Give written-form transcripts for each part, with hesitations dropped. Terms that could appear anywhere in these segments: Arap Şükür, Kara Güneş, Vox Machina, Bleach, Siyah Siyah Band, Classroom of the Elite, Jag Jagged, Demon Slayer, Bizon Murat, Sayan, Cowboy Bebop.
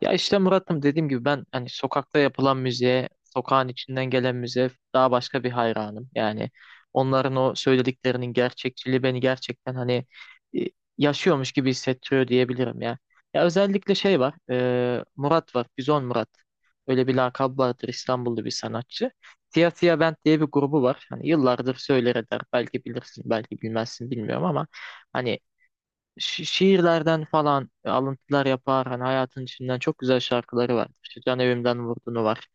Ya işte Murat'ım dediğim gibi ben hani sokakta yapılan müziğe, sokağın içinden gelen müziğe daha başka bir hayranım. Yani onların o söylediklerinin gerçekçiliği beni gerçekten hani e, yaşıyormuş gibi hissettiriyor diyebilirim ya. Ya özellikle şey var, Murat var, Bizon Murat. Öyle bir lakabı vardır, İstanbullu bir sanatçı. Siyah Siyah Band diye bir grubu var. Hani yıllardır söyler eder. Belki bilirsin, belki bilmezsin, bilmiyorum ama hani şiirlerden falan alıntılar yapar. Hani hayatın içinden çok güzel şarkıları var. İşte Can Evimden Vurdunu var.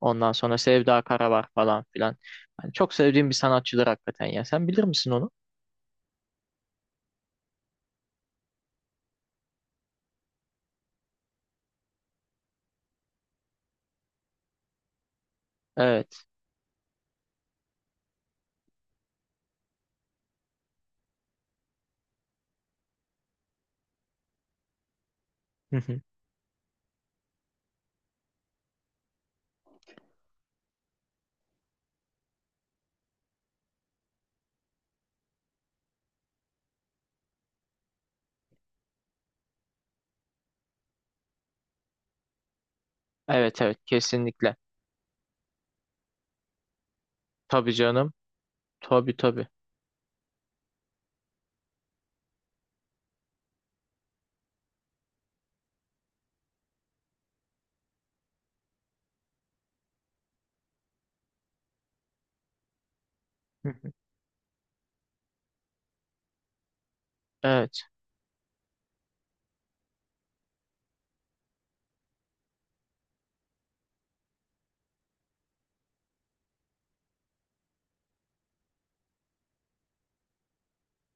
Ondan sonra Sevda Kara var falan filan. Yani çok sevdiğim bir sanatçıdır hakikaten ya. Sen bilir misin onu? Evet. Hı hı. Evet, evet, kesinlikle. Tabii canım. Tabii, tabii. Hı hı. Evet.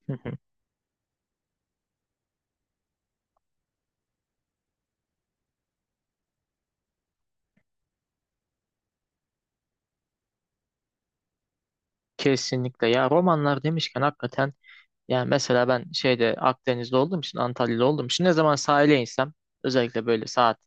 Hı hı. Kesinlikle. Ya romanlar demişken, hakikaten yani mesela ben şeyde Akdeniz'de olduğum için, Antalya'da olduğum için ne zaman sahile insem, özellikle böyle saat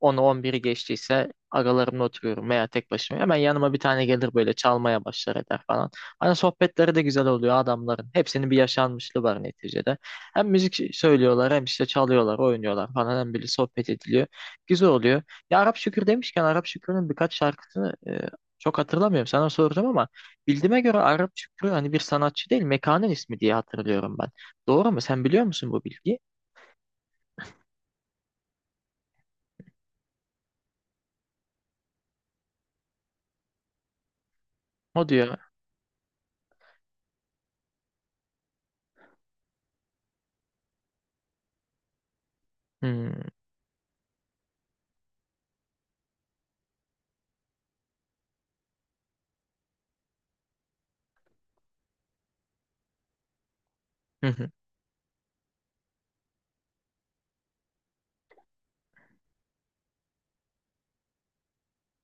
10'u 11'i geçtiyse, agalarımla oturuyorum veya tek başıma. Hemen yanıma bir tane gelir, böyle çalmaya başlar eder falan. Hani sohbetleri de güzel oluyor adamların. Hepsinin bir yaşanmışlığı var neticede. Hem müzik söylüyorlar, hem işte çalıyorlar, oynuyorlar falan, hem böyle sohbet ediliyor. Güzel oluyor. Ya Arap Şükür demişken, Arap Şükür'ün birkaç şarkısını çok hatırlamıyorum. Sana soracağım ama bildiğime göre Arap Şükrü hani bir sanatçı değil, mekanın ismi diye hatırlıyorum ben. Doğru mu? Sen biliyor musun bu bilgi? O diyor. "Hmm, hı hı,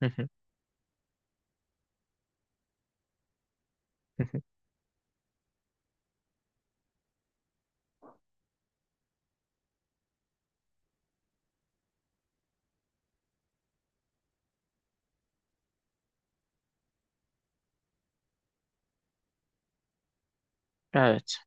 hı hı, hı hı, evet.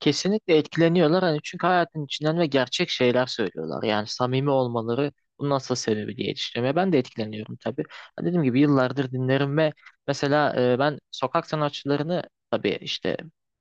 Kesinlikle etkileniyorlar hani, çünkü hayatın içinden ve gerçek şeyler söylüyorlar. Yani samimi olmaları bunun asıl sebebi diye düşünüyorum. Ya ben de etkileniyorum tabii. Ha, dediğim gibi yıllardır dinlerim ve mesela ben sokak sanatçılarını tabii işte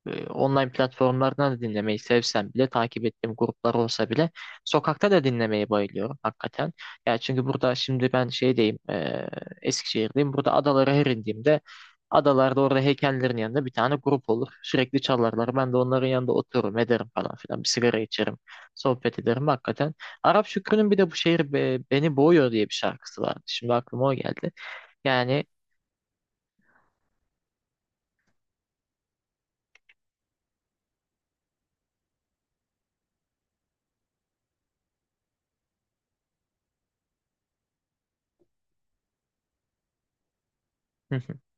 online platformlardan da dinlemeyi sevsem bile, takip ettiğim gruplar olsa bile, sokakta da dinlemeyi bayılıyorum hakikaten. Ya çünkü burada şimdi ben şeydeyim, Eskişehir'deyim. Burada adalara her indiğimde, adalarda orada heykellerin yanında bir tane grup olur. Sürekli çalarlar. Ben de onların yanında otururum, ederim falan filan. Bir sigara içerim, sohbet ederim hakikaten. Arap Şükrü'nün bir de bu şehir beni boğuyor diye bir şarkısı vardı. Şimdi aklıma o geldi. Yani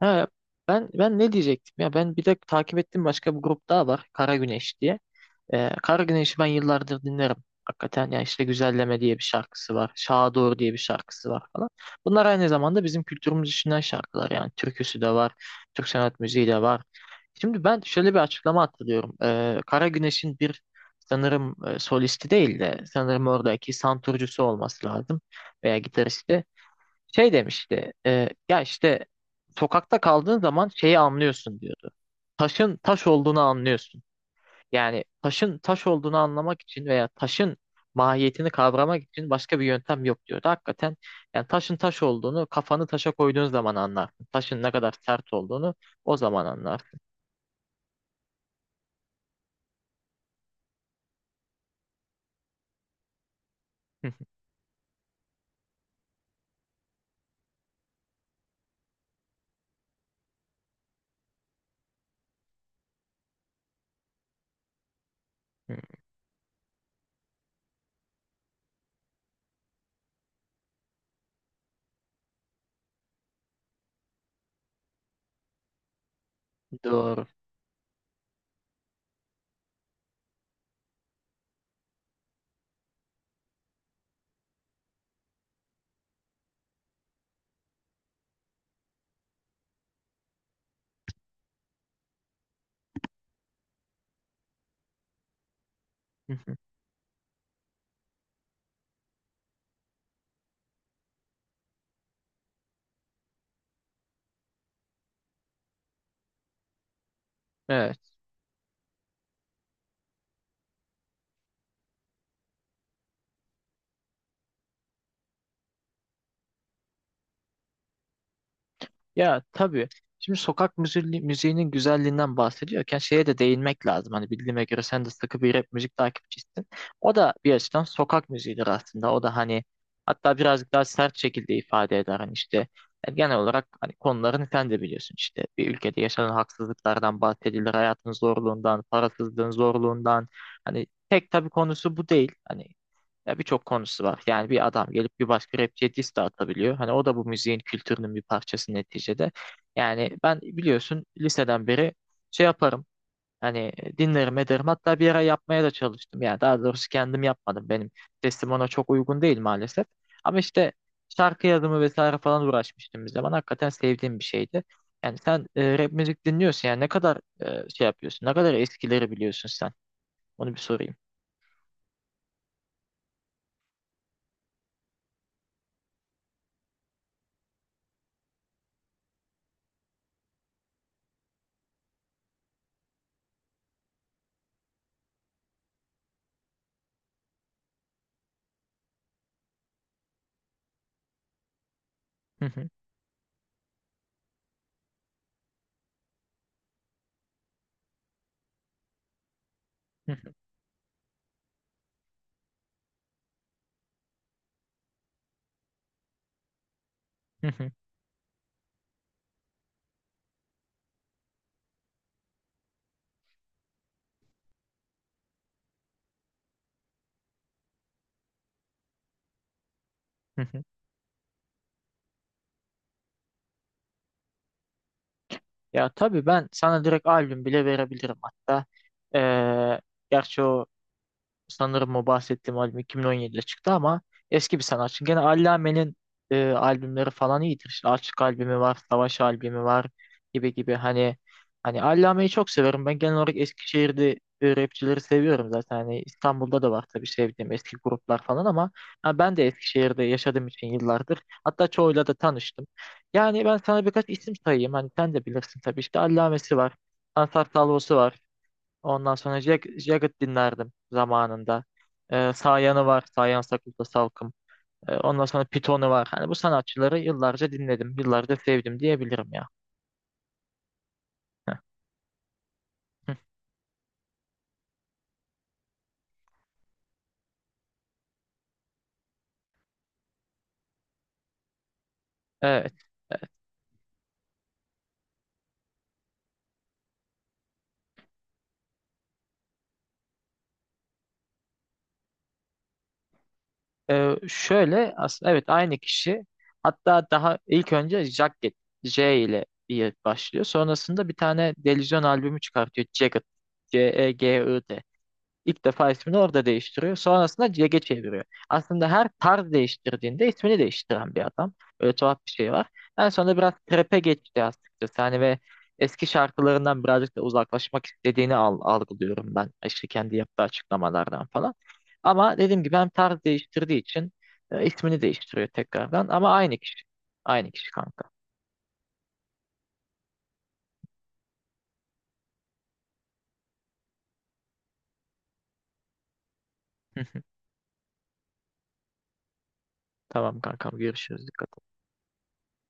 ha, ben ne diyecektim ya? Ben bir de takip ettiğim başka bir grup daha var. Kara Güneş diye. Kara Güneş'i ben yıllardır dinlerim. Hakikaten ya işte Güzelleme diye bir şarkısı var. Şaha Doğru diye bir şarkısı var falan. Bunlar aynı zamanda bizim kültürümüz içinden şarkılar yani. Türküsü de var, Türk sanat müziği de var. Şimdi ben şöyle bir açıklama hatırlıyorum. Kara Güneş'in bir sanırım solisti değil de sanırım oradaki santurcusu olması lazım veya gitaristi. Şey demişti, ya işte sokakta kaldığın zaman şeyi anlıyorsun diyordu. Taşın taş olduğunu anlıyorsun. Yani taşın taş olduğunu anlamak için veya taşın mahiyetini kavramak için başka bir yöntem yok diyordu. Hakikaten yani taşın taş olduğunu kafanı taşa koyduğun zaman anlarsın. Taşın ne kadar sert olduğunu o zaman anlarsın. Doğru. Evet. Ya tabii. Şimdi sokak müziği, müziğinin güzelliğinden bahsediyorken şeye de değinmek lazım. Hani bildiğime göre sen de sıkı bir rap müzik takipçisin. O da bir açıdan sokak müziğidir aslında. O da hani, hatta birazcık daha sert şekilde ifade eder. Hani işte yani genel olarak hani konularını sen de biliyorsun işte. Bir ülkede yaşanan haksızlıklardan bahsedilir. Hayatın zorluğundan, parasızlığın zorluğundan. Hani tek tabii konusu bu değil. Hani ya birçok konusu var. Yani bir adam gelip bir başka rapçiye diss de atabiliyor. Hani o da bu müziğin kültürünün bir parçası neticede. Yani ben biliyorsun liseden beri şey yaparım. Hani dinlerim ederim. Hatta bir ara yapmaya da çalıştım. Yani daha doğrusu kendim yapmadım. Benim sesim ona çok uygun değil maalesef. Ama işte şarkı yazımı vesaire falan uğraşmıştım bir zaman. Hakikaten sevdiğim bir şeydi. Yani sen rap müzik dinliyorsun. Yani ne kadar şey yapıyorsun? Ne kadar eskileri biliyorsun sen? Onu bir sorayım. Hı hı, hı hı, hı hı, hı hı. Ya tabii ben sana direkt albüm bile verebilirim hatta. Ee, gerçi o sanırım o bahsettiğim albüm 2017'de çıktı ama eski bir sanatçı. Gene Allame'nin albümleri falan iyidir. İşte Açık albümü var, Savaş albümü var gibi gibi. Hani Allame'yi çok severim. Ben genel olarak Eskişehir'de rapçileri seviyorum zaten. Hani İstanbul'da da var tabii sevdiğim eski gruplar falan ama ha, ben de Eskişehir'de yaşadığım için yıllardır. Hatta çoğuyla da tanıştım. Yani ben sana birkaç isim sayayım. Hani sen de bilirsin tabii. İşte Allame'si var. Ansar Salvo'su var. Ondan sonra Jagged dinlerdim zamanında. Sayan'ı var. Sayan Sakız'da Salkım. Ondan sonra Python'u var. Hani bu sanatçıları yıllarca dinledim. Yıllarca sevdim diyebilirim ya. Heh. Hı. Evet. Evet. Şöyle aslında evet aynı kişi. Hatta daha ilk önce Jagged J ile diye başlıyor. Sonrasında bir tane delüzyon albümü çıkartıyor. Jagged. C-E-G-I-D. İlk defa ismini orada değiştiriyor. Sonrasında CG çeviriyor. Aslında her tarz değiştirdiğinde ismini değiştiren bir adam. Öyle tuhaf bir şey var. En sonunda biraz trap'e geçti açıkçası. Hani ve eski şarkılarından birazcık da uzaklaşmak istediğini algılıyorum ben. İşte kendi yaptığı açıklamalardan falan. Ama dediğim gibi hem tarz değiştirdiği için ismini değiştiriyor tekrardan. Ama aynı kişi. Aynı kişi kanka. Tamam kankam, görüşürüz. Dikkat et.